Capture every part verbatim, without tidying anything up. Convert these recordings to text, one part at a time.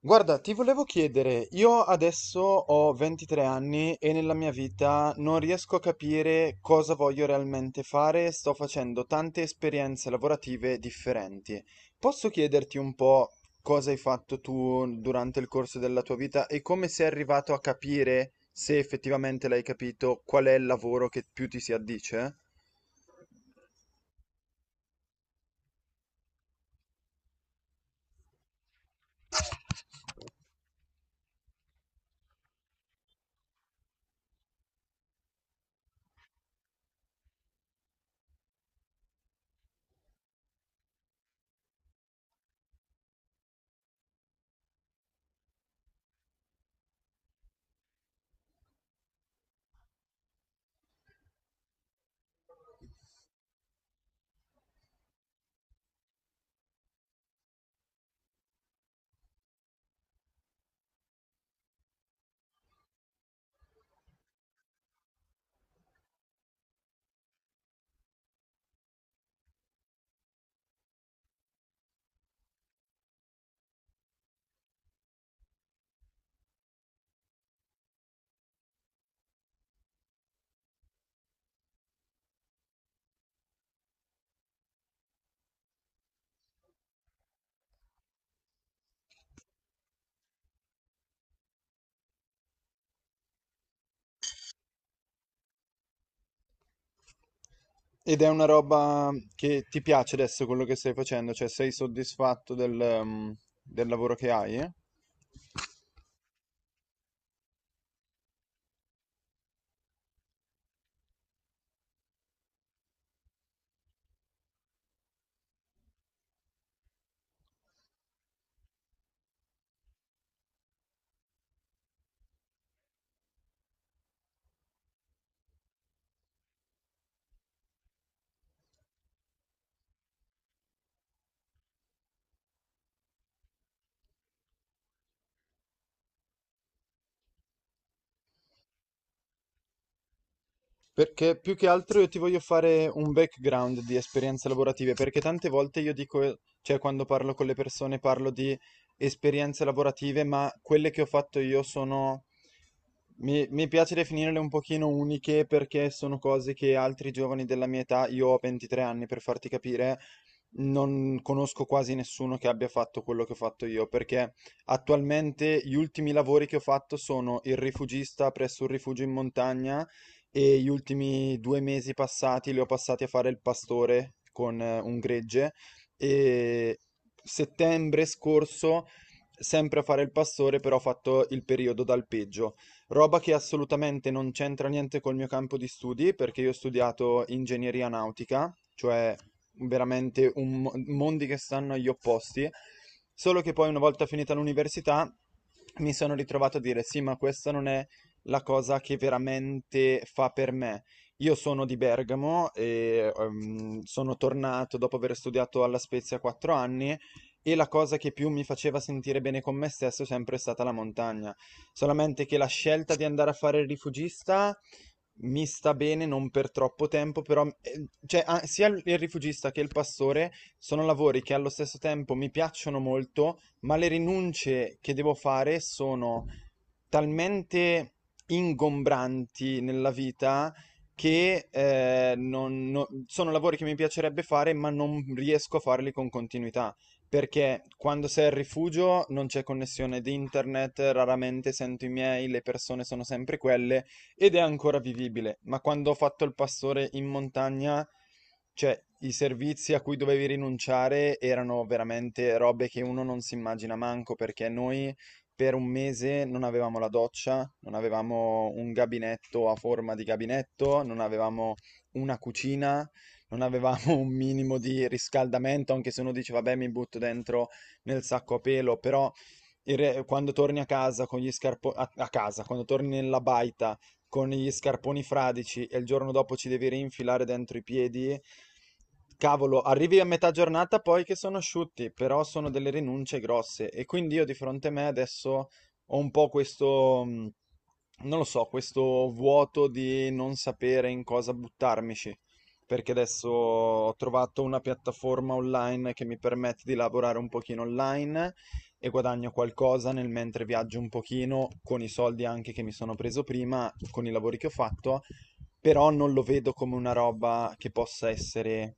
Guarda, ti volevo chiedere, io adesso ho 23 anni e nella mia vita non riesco a capire cosa voglio realmente fare, sto facendo tante esperienze lavorative differenti. Posso chiederti un po' cosa hai fatto tu durante il corso della tua vita e come sei arrivato a capire, se effettivamente l'hai capito, qual è il lavoro che più ti si addice? Ed è una roba che ti piace adesso quello che stai facendo? Cioè sei soddisfatto del, ehm, del lavoro che hai, eh? Perché più che altro io ti voglio fare un background di esperienze lavorative, perché tante volte io dico, cioè quando parlo con le persone parlo di esperienze lavorative, ma quelle che ho fatto io sono, mi, mi piace definirle un pochino uniche perché sono cose che altri giovani della mia età, io ho 23 anni per farti capire, non conosco quasi nessuno che abbia fatto quello che ho fatto io, perché attualmente gli ultimi lavori che ho fatto sono il rifugista presso un rifugio in montagna e gli ultimi due mesi passati li ho passati a fare il pastore con eh, un gregge e settembre scorso sempre a fare il pastore, però ho fatto il periodo d'alpeggio, roba che assolutamente non c'entra niente col mio campo di studi perché io ho studiato ingegneria nautica, cioè veramente un mo- mondi che stanno agli opposti, solo che poi una volta finita l'università mi sono ritrovato a dire sì, ma questa non è la cosa che veramente fa per me. Io sono di Bergamo e ehm, sono tornato dopo aver studiato alla Spezia quattro anni e la cosa che più mi faceva sentire bene con me stesso è sempre stata la montagna. Solamente che la scelta di andare a fare il rifugista mi sta bene non per troppo tempo, però eh, cioè, ah, sia il il rifugista che il pastore sono lavori che allo stesso tempo mi piacciono molto, ma le rinunce che devo fare sono talmente ingombranti nella vita che eh, non- no- sono lavori che mi piacerebbe fare, ma non riesco a farli con continuità. Perché quando sei al rifugio non c'è connessione di internet, raramente sento i miei, le persone sono sempre quelle ed è ancora vivibile. Ma quando ho fatto il pastore in montagna, cioè i servizi a cui dovevi rinunciare erano veramente robe che uno non si immagina manco, perché noi per un mese non avevamo la doccia, non avevamo un gabinetto a forma di gabinetto, non avevamo una cucina, non avevamo un minimo di riscaldamento, anche se uno dice vabbè mi butto dentro nel sacco a pelo, però in re- quando torni a casa con gli scarponi a, a casa, quando torni nella baita con gli scarponi fradici e il giorno dopo ci devi rinfilare dentro i piedi, cavolo, arrivi a metà giornata poi che sono asciutti, però sono delle rinunce grosse e quindi io di fronte a me adesso ho un po' questo, mh, non lo so, questo vuoto di non sapere in cosa buttarmici, perché adesso ho trovato una piattaforma online che mi permette di lavorare un pochino online e guadagno qualcosa nel mentre viaggio un pochino con i soldi anche che mi sono preso prima, con i lavori che ho fatto, però non lo vedo come una roba che possa essere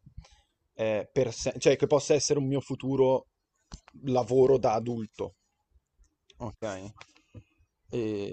eh, per se- cioè che possa essere un mio futuro lavoro da adulto. Ok. E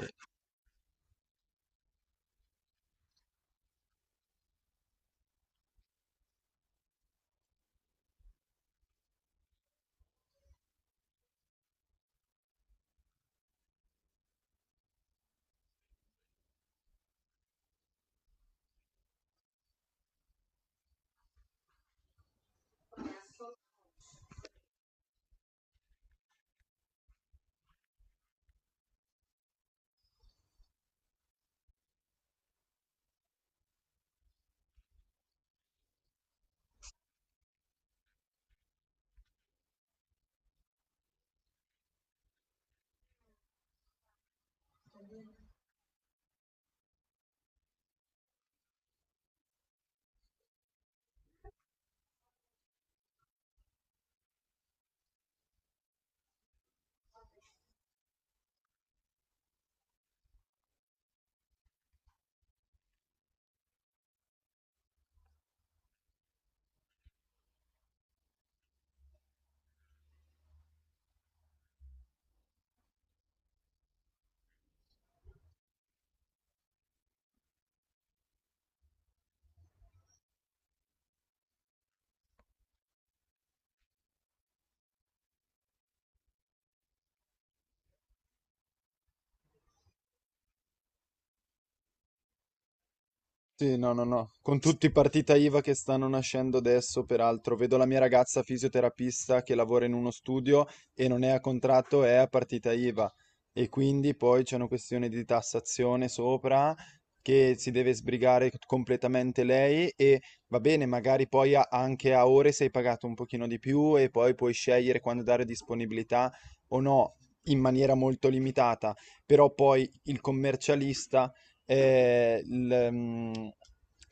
sì, no, no, no. Con tutti i partita IVA che stanno nascendo adesso, peraltro, vedo la mia ragazza fisioterapista che lavora in uno studio e non è a contratto, è a partita IVA. E quindi poi c'è una questione di tassazione sopra che si deve sbrigare completamente lei e va bene, magari poi a- anche a ore sei pagato un pochino di più e poi puoi scegliere quando dare disponibilità o no, in maniera molto limitata. Però poi il commercialista eh, il, mm,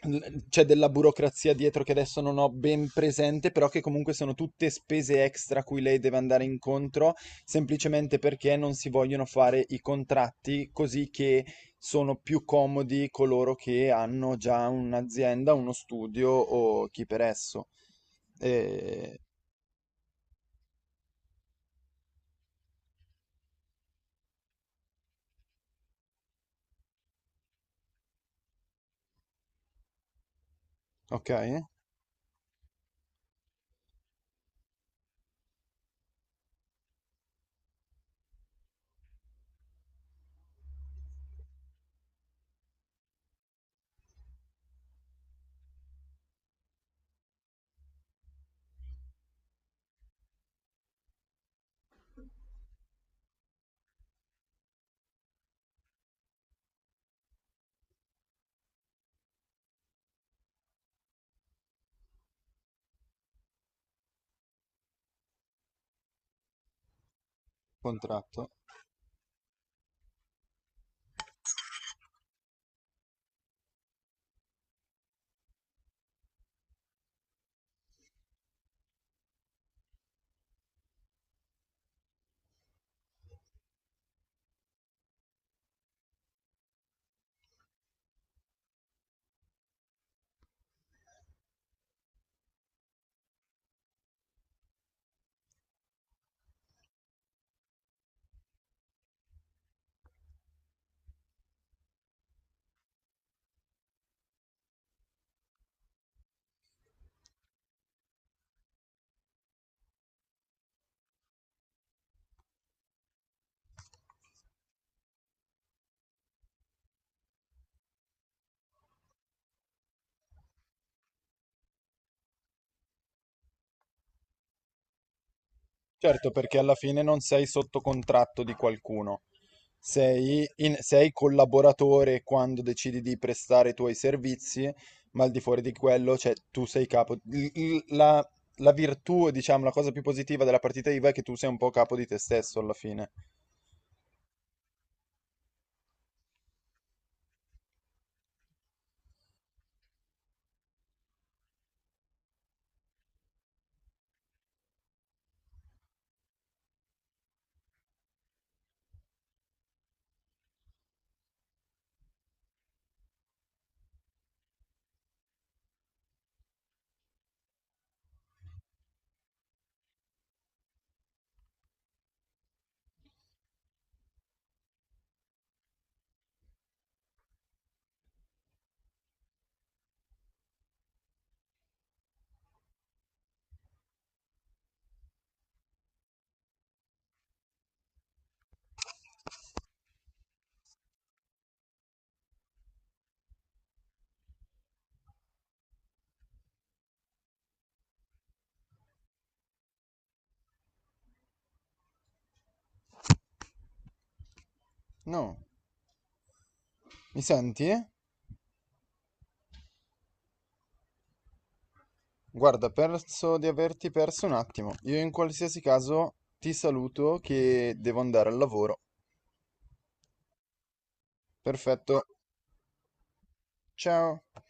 l- c'è della burocrazia dietro che adesso non ho ben presente, però che comunque sono tutte spese extra a cui lei deve andare incontro, semplicemente perché non si vogliono fare i contratti così che sono più comodi coloro che hanno già un'azienda, uno studio o chi per esso. Eh, ok, contratto. Certo, perché alla fine non sei sotto contratto di qualcuno, sei, in- sei collaboratore quando decidi di prestare i tuoi servizi, ma al di fuori di quello, cioè tu sei capo. il- il- la, la virtù, diciamo, la cosa più positiva della partita IVA è che tu sei un po' capo di te stesso alla fine. No, mi senti? Guarda, penso di averti perso un attimo. Io in qualsiasi caso ti saluto che devo andare al lavoro. Perfetto, ciao.